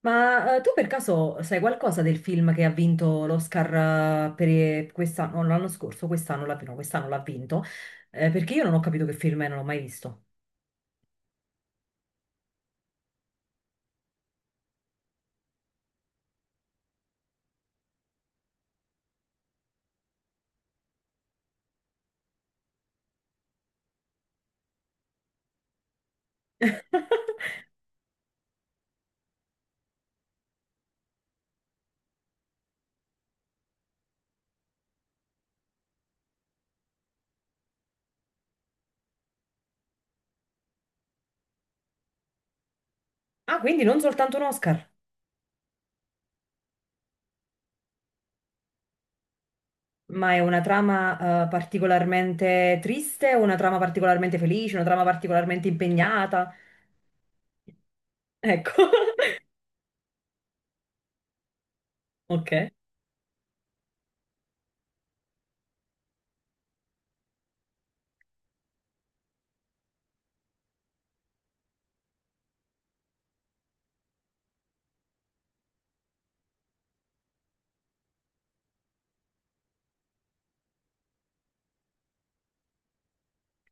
Ma tu per caso sai qualcosa del film che ha vinto l'Oscar per quest'anno, no, l'anno scorso, quest'anno l'ha no, quest'anno l'ha vinto. Perché io non ho capito che film è, non l'ho mai visto. Ah, quindi non soltanto un Oscar, ma è una trama particolarmente triste, una trama particolarmente felice, una trama particolarmente impegnata. Ecco. Ok.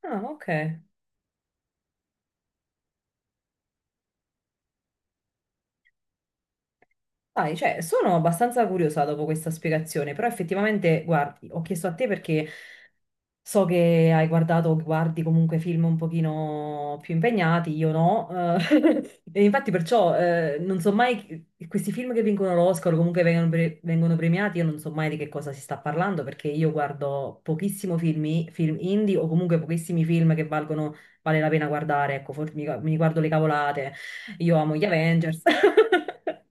Ah, ok. Dai, cioè, sono abbastanza curiosa dopo questa spiegazione, però effettivamente, guardi, ho chiesto a te perché so che hai guardato o guardi comunque film un pochino più impegnati, io no, e infatti perciò non so mai, questi film che vincono l'Oscar o comunque vengono premiati, io non so mai di che cosa si sta parlando perché io guardo pochissimo film, film indie o comunque pochissimi film che valgono, vale la pena guardare, ecco, forse mi guardo le cavolate, io amo gli Avengers.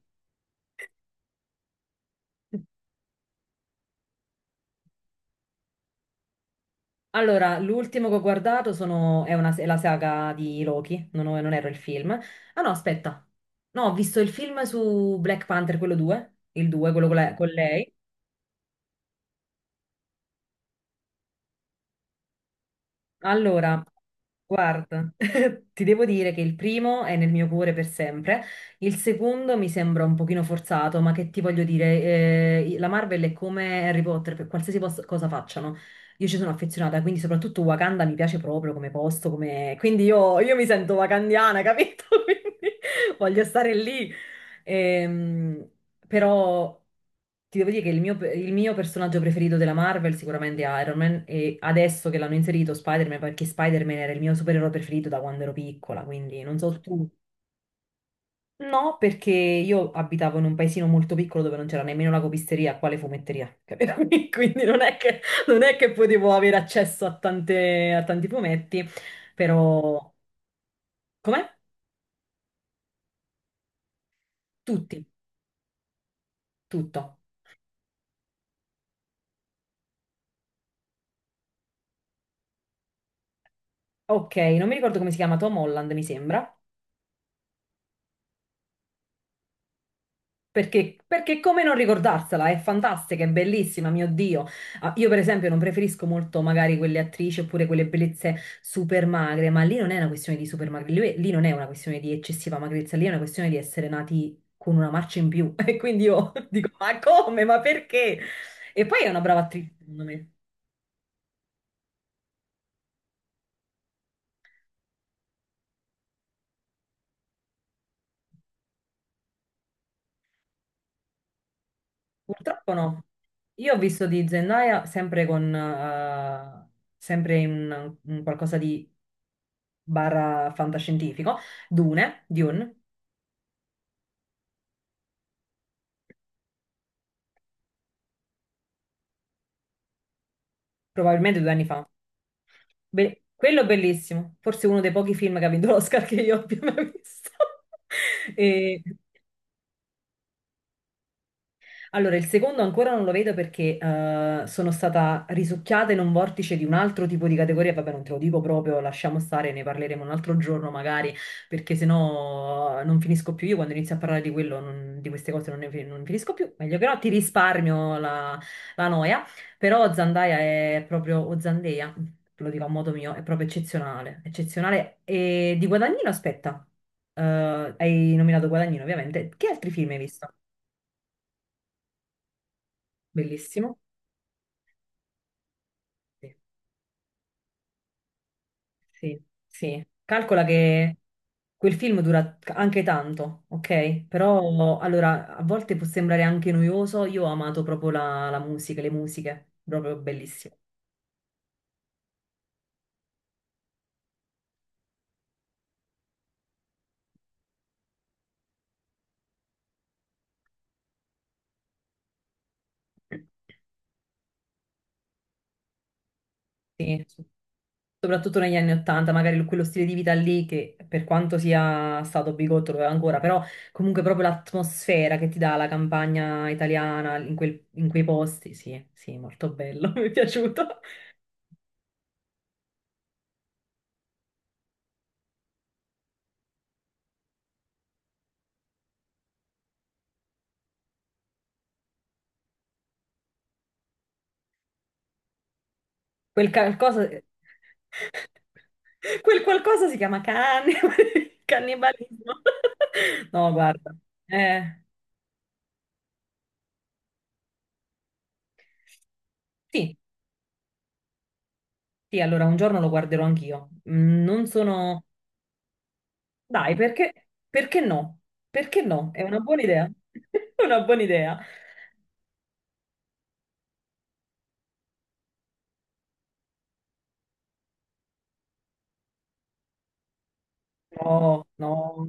Allora, l'ultimo che ho guardato è, è la saga di Loki, non, non ero il film. Ah no, aspetta. No, ho visto il film su Black Panther, quello 2, il 2, quello con, la- con lei. Allora, guarda, ti devo dire che il primo è nel mio cuore per sempre, il secondo mi sembra un pochino forzato, ma che ti voglio dire, la Marvel è come Harry Potter, per qualsiasi cosa facciano. Io ci sono affezionata, quindi soprattutto Wakanda mi piace proprio come posto, come... quindi io mi sento wakandiana, capito? Quindi voglio stare lì. Ehm, però ti devo dire che il mio personaggio preferito della Marvel sicuramente è Iron Man e adesso che l'hanno inserito Spider-Man perché Spider-Man era il mio supereroe preferito da quando ero piccola, quindi non so tu. No, perché io abitavo in un paesino molto piccolo dove non c'era nemmeno la copisteria, quale fumetteria, capito? Quindi non è che potevo avere accesso a a tanti fumetti, però... Com'è? Tutti, tutto. Ok, non mi ricordo come si chiama Tom Holland, mi sembra. Perché, perché come non ricordarsela? È fantastica, è bellissima, mio Dio. Ah, io, per esempio, non preferisco molto magari quelle attrici oppure quelle bellezze super magre, ma lì non è una questione di super magre, lì, lì non è una questione di eccessiva magrezza, lì è una questione di essere nati con una marcia in più. E quindi io dico, ma come? Ma perché? E poi è una brava attrice, secondo me. Purtroppo no. Io ho visto di Zendaya sempre con, sempre in qualcosa di barra fantascientifico, Dune, Dune. Probabilmente 2 anni fa. Be- quello è bellissimo, forse uno dei pochi film che ha vinto l'Oscar che io abbia mai visto. E- allora, il secondo ancora non lo vedo perché sono stata risucchiata in un vortice di un altro tipo di categoria. Vabbè, non te lo dico proprio, lasciamo stare, ne parleremo un altro giorno magari, perché sennò non finisco più. Io quando inizio a parlare di quello, non- di queste cose non ne fi- non finisco più. Meglio però ti risparmio la noia. Però Zandaia è proprio, o Zandeia, lo dico a modo mio, è proprio eccezionale. Eccezionale. E di Guadagnino, aspetta, hai nominato Guadagnino, ovviamente. Che altri film hai visto? Bellissimo. Sì. Sì, sì. Calcola che quel film dura anche tanto, ok? Però allora a volte può sembrare anche noioso. Io ho amato proprio la musica, le musiche, proprio bellissime. Sì, sì, soprattutto negli anni Ottanta, magari quello stile di vita lì che per quanto sia stato bigotto lo è ancora, però comunque proprio l'atmosfera che ti dà la campagna italiana in quei posti, sì, sì, molto bello, mi è piaciuto. Quel qualcosa. Quel qualcosa si chiama cane, cannibalismo. No, guarda. Eh, sì, sì, allora un giorno lo guarderò anch'io. Mm, non sono... Dai, perché, perché no? Perché no? È una buona idea. Una buona idea. No, no.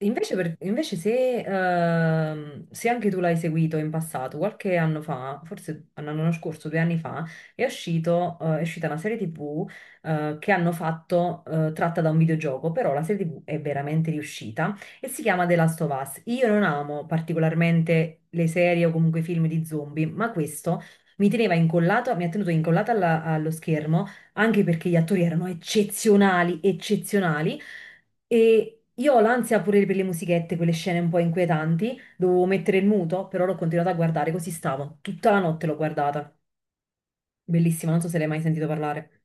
Invece, per- invece se anche tu l'hai seguito in passato, qualche anno fa, forse l'anno scorso, 2 anni fa, è uscito, è uscita una serie TV, che hanno fatto, tratta da un videogioco, però la serie TV è veramente riuscita e si chiama The Last of Us. Io non amo particolarmente le serie o comunque i film di zombie, ma questo mi teneva incollato, mi ha tenuto incollata allo schermo, anche perché gli attori erano eccezionali, eccezionali. E io ho l'ansia pure per le musichette, quelle scene un po' inquietanti. Dovevo mettere il muto, però l'ho continuato a guardare, così stavo. Tutta la notte l'ho guardata. Bellissima, non so se l'hai mai sentito parlare.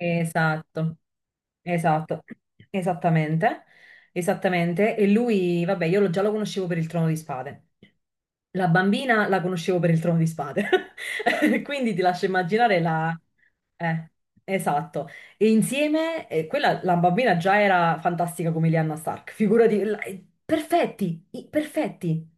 Esatto, esatto, esattamente, esattamente. E lui, vabbè, io già lo conoscevo per il Trono di Spade. La bambina la conoscevo per il Trono di Spade. Quindi ti lascio immaginare la... Eh, esatto. E insieme, quella, la bambina già era fantastica come Lyanna Stark, figurati, perfetti, perfetti.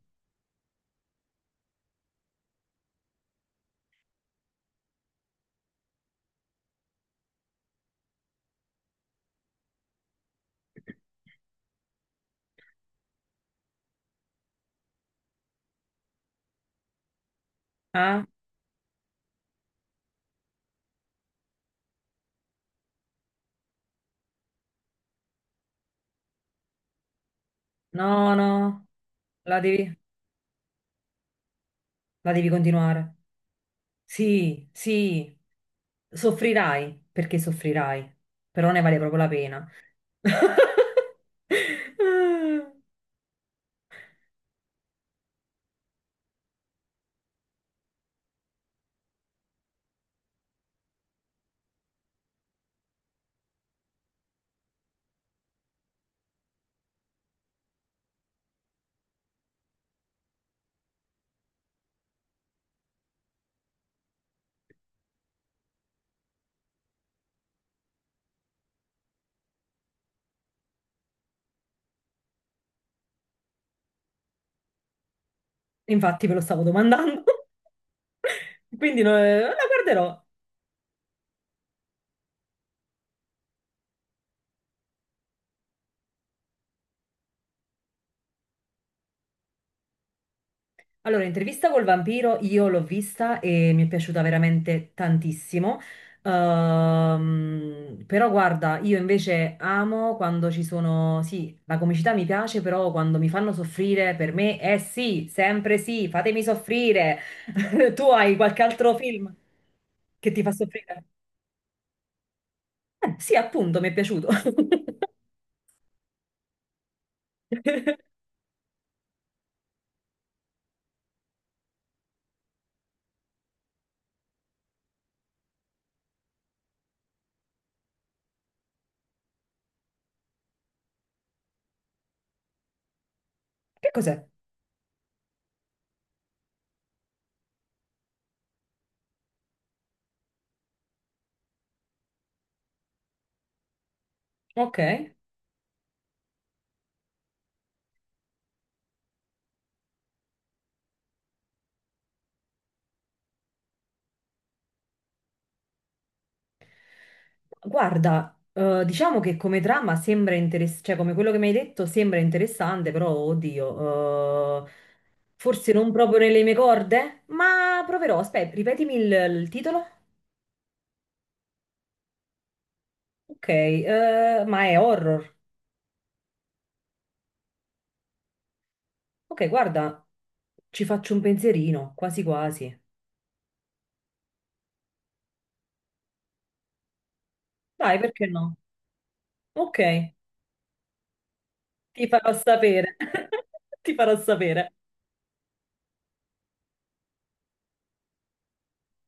Ah, no, no, la devi, la devi continuare. Sì, sì, soffrirai perché soffrirai, però ne vale proprio la pena. Infatti, ve lo stavo domandando. Quindi no, la guarderò. Allora, intervista col vampiro io l'ho vista e mi è piaciuta veramente tantissimo. Però guarda, io invece amo quando ci sono, sì, la comicità mi piace, però quando mi fanno soffrire, per me è sì, sempre sì, fatemi soffrire. Tu hai qualche altro film che ti fa soffrire? Sì, appunto, mi è piaciuto. Che cos'è? Ok. Guarda, diciamo che come trama sembra interessante, cioè come quello che mi hai detto sembra interessante, però oddio, forse non proprio nelle mie corde, ma proverò. Aspetta, ripetimi il titolo? Ok, ma è horror. Ok, guarda, ci faccio un pensierino, quasi quasi. Dai, perché no? Ok, ti farò sapere. Ti farò sapere.